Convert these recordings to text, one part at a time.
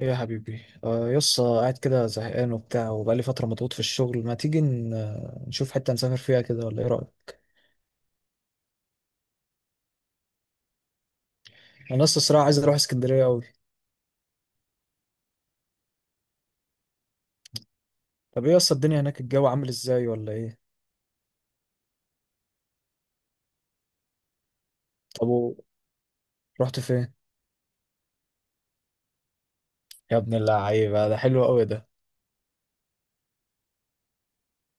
ايه يا حبيبي، يس قاعد كده زهقان وبتاع، وبقالي فترة مضغوط في الشغل. ما تيجي نشوف حتة نسافر فيها كده، ولا ايه رأيك؟ انا لسه الصراحة عايز اروح اسكندرية قوي. طب ايه يس الدنيا هناك؟ الجو عامل ازاي ولا ايه؟ طب رحت فين؟ يا ابن اللعيبة، ده حلو قوي ده.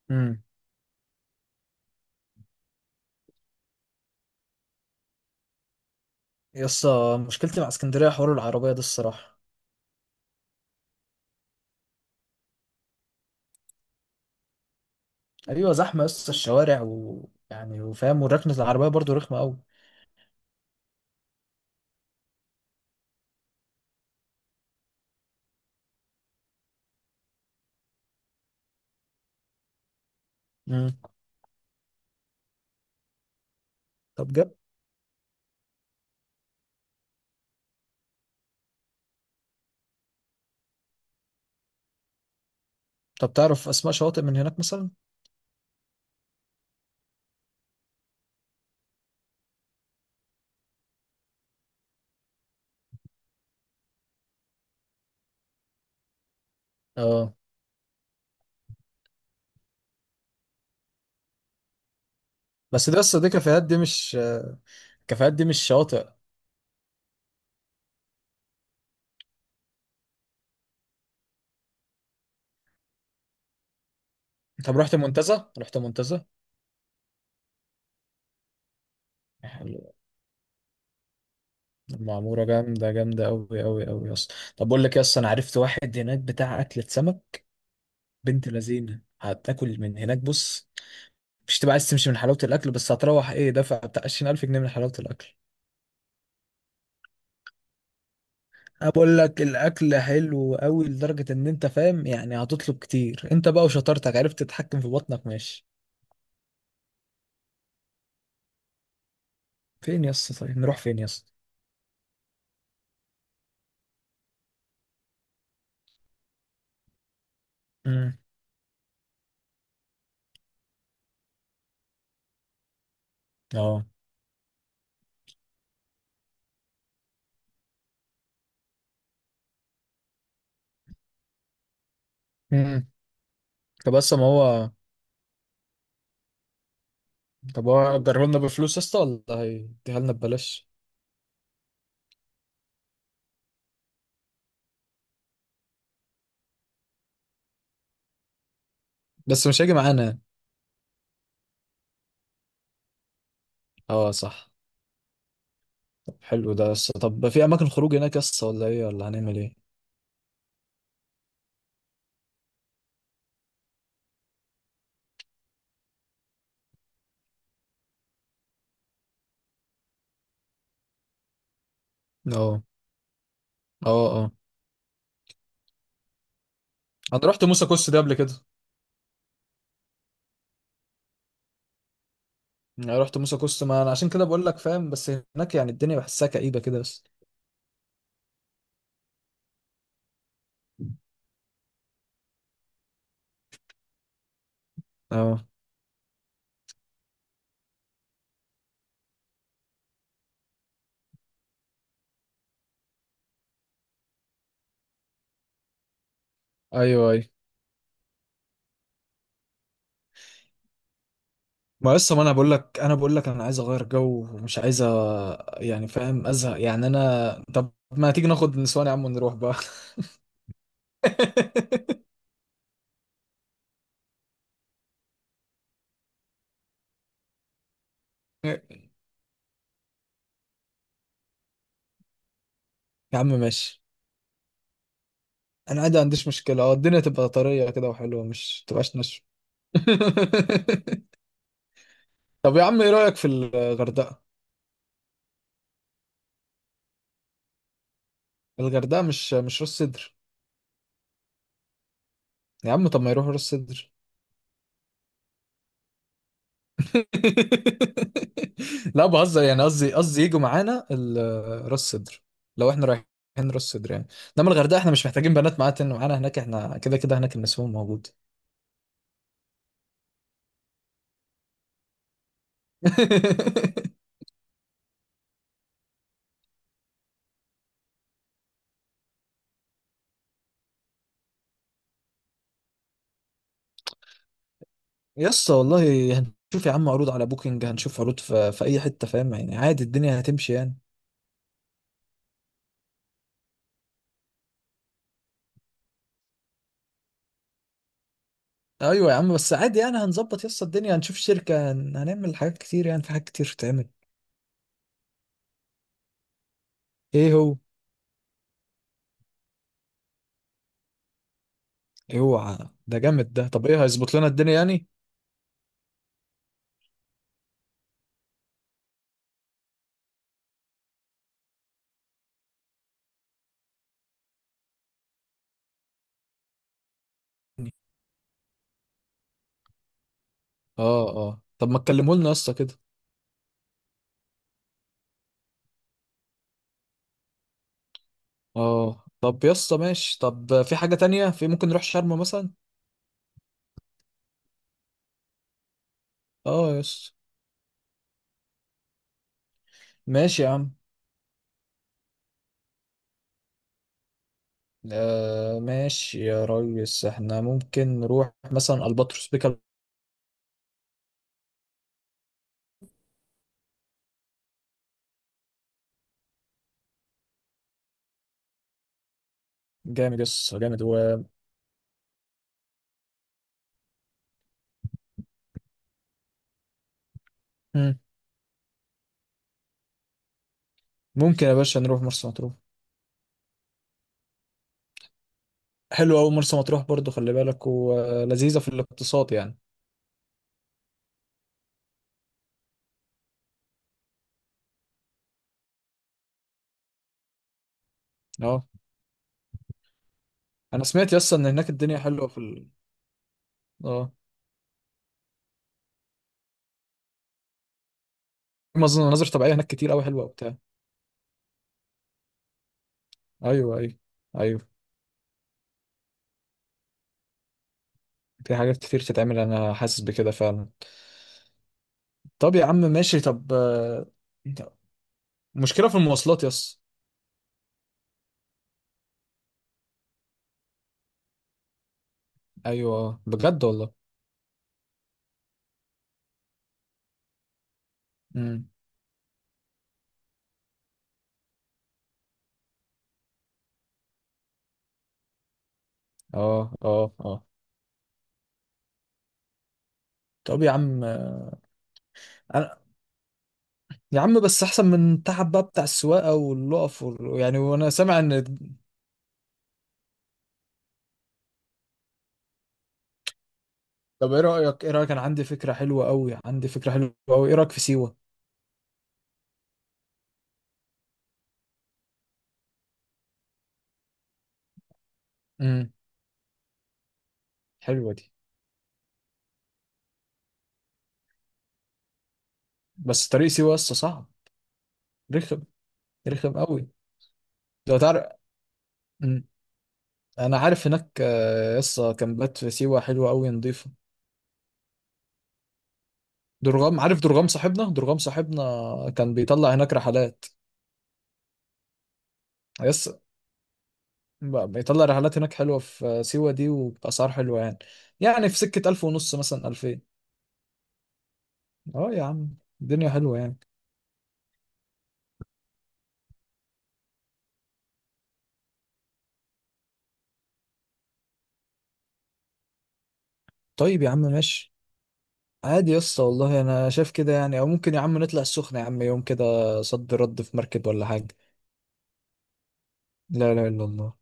امم. يس مشكلتي مع اسكندرية حوار العربية ده الصراحة. ايوه، زحمة يس الشوارع ويعني وفاهم، وركنة العربية برضو رخمة قوي. مم. طب جد؟ طب تعرف اسماء شواطئ من هناك مثلا؟ اه. بس ده يس دي كافيهات دي مش. الكافيهات دي مش شاطئ. طب رحت منتزه؟ رحت منتزه؟ حلو. المعموره جامده جامده قوي قوي قوي اصلا. طب بقول لك إيه يا اسطى، انا عرفت واحد هناك بتاع اكله سمك. بنت لذينه، هتاكل من هناك، بص. مش تبقى عايز تمشي من حلاوه الاكل، بس هتروح ايه دافع بتاع 20000 جنيه من حلاوه الاكل. أنا بقول لك الاكل حلو قوي لدرجه ان انت فاهم يعني، هتطلب كتير انت بقى، وشطارتك عرفت تتحكم في بطنك، ماشي؟ فين يا اسطى؟ طيب نروح فين يا اسطى؟ امم. اه. امم. طب بس ما هو. طب هو أجره لنا بفلوس يا اسطى، ولا هيديها لنا ببلاش؟ بس مش هيجي معانا يعني. اه، صح. طب حلو ده، بس طب في اماكن خروج هناك يا اسطى ولا ايه؟ ولا هنعمل ايه؟ اه، اه، اه. انا رحت موسى كوست ده قبل كده. يعني رحت موسى كوست، ما انا عشان كده بقول لك فاهم، بس هناك يعني الدنيا بحسها كئيبه كده بس. اه، ايوه ايوه. ما لسه، ما انا بقول لك انا عايز اغير جو ومش عايز يعني فاهم، ازهق يعني انا. طب ما تيجي ناخد نسوان يا عم ونروح بقى؟ يا عم ماشي. انا عادي ما عنديش مشكله، اه، الدنيا تبقى طريه كده وحلوه، مش تبقاش ناشفه. طب يا عم ايه رايك في الغردقه؟ الغردقه مش راس سدر؟ يا عم طب ما يروحوا راس سدر. لا، بهزر يعني، قصدي يجوا معانا راس سدر. لو احنا رايحين راس سدر يعني. انما الغردقه احنا مش محتاجين بنات معانا، معانا هناك احنا كده كده هناك النسوان موجود. يس والله. هنشوف يا عم عروض على بوكينج، هنشوف عروض في اي حته، فاهم يعني، عادي الدنيا هتمشي يعني. ايوه يا عم، بس عادي يعني هنظبط يس الدنيا. هنشوف شركة، هنعمل حاجات كتير يعني، في حاجات كتير تتعمل. ايه هو؟ ايه هو؟ ده جامد ده. طب ايه هيظبط لنا الدنيا يعني؟ اه، اه. طب ما تكلمه لنا يا اسطى كده. اه، طب يا اسطى ماشي. طب في حاجة تانية، في ممكن نروح شرم مثلا. اه يا اسطى. ماشي يا عم. ماشي يا ريس، احنا ممكن نروح مثلا الباتروس بيكال. جامد يس، جامد و. مم. ممكن يا باشا نروح مرسى مطروح. حلو قوي مرسى مطروح برضو، خلي بالك، ولذيذه في الاقتصاد يعني. اه، انا سمعت يس ان هناك الدنيا حلوه. اه في مناظر طبيعيه هناك كتير قوي حلوه وبتاع. ايوه، ايوه. ايوه في حاجات كتير تتعمل، انا حاسس بكده فعلا. طب يا عم ماشي. طب مشكله في المواصلات يس. ايوه، بجد والله. امم. اه، اه، اه. طب يا عم، انا. يا عم بس احسن من التعب بقى بتاع السواقه واللقف يعني، وانا سامع ان. طب ايه رأيك؟ ايه رأيك؟ انا عندي فكرة حلوة قوي، عندي فكرة حلوة قوي. ايه رأيك في سيوة؟ امم. حلوة دي. بس طريق سيوة لسه صعب. رخم، رخم قوي. لو تعرف. امم. انا عارف هناك. لسه كامبات في سيوة حلوة قوي، نضيفة. درغام، عارف درغام؟ صاحبنا، درغام صاحبنا. كان بيطلع هناك رحلات. لسه بيطلع رحلات هناك حلوة في سيوة دي، وبأسعار حلوة يعني. يعني في سكة 1500 مثلا، 2000. اه يا عم، الدنيا حلوة يعني. طيب يا عم ماشي. عادي يا اسطى والله، انا شايف كده يعني. او ممكن يا عم نطلع السخنة يا عم، يوم كده. صد رد، في مركب ولا حاجة. لا لا، الا الله.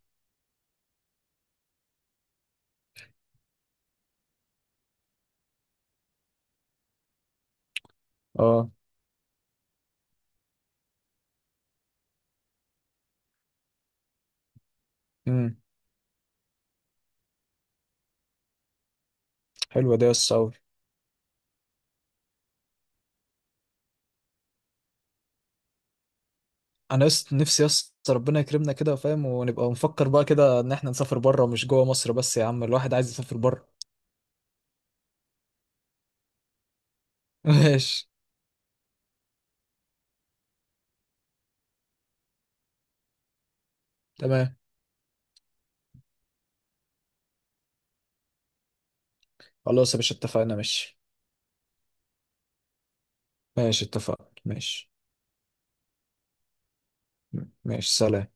اه. امم. حلوة دي يا اسطى أوي. انا يس نفسي يا اسطى ربنا يكرمنا كده، فاهم، ونبقى نفكر بقى كده ان احنا نسافر بره مش جوه مصر، بس يا عم الواحد عايز يسافر بره. ماشي. تمام. خلاص يا باشا، اتفقنا، ماشي. ماشي اتفقنا، ماشي. ماشي، سلام.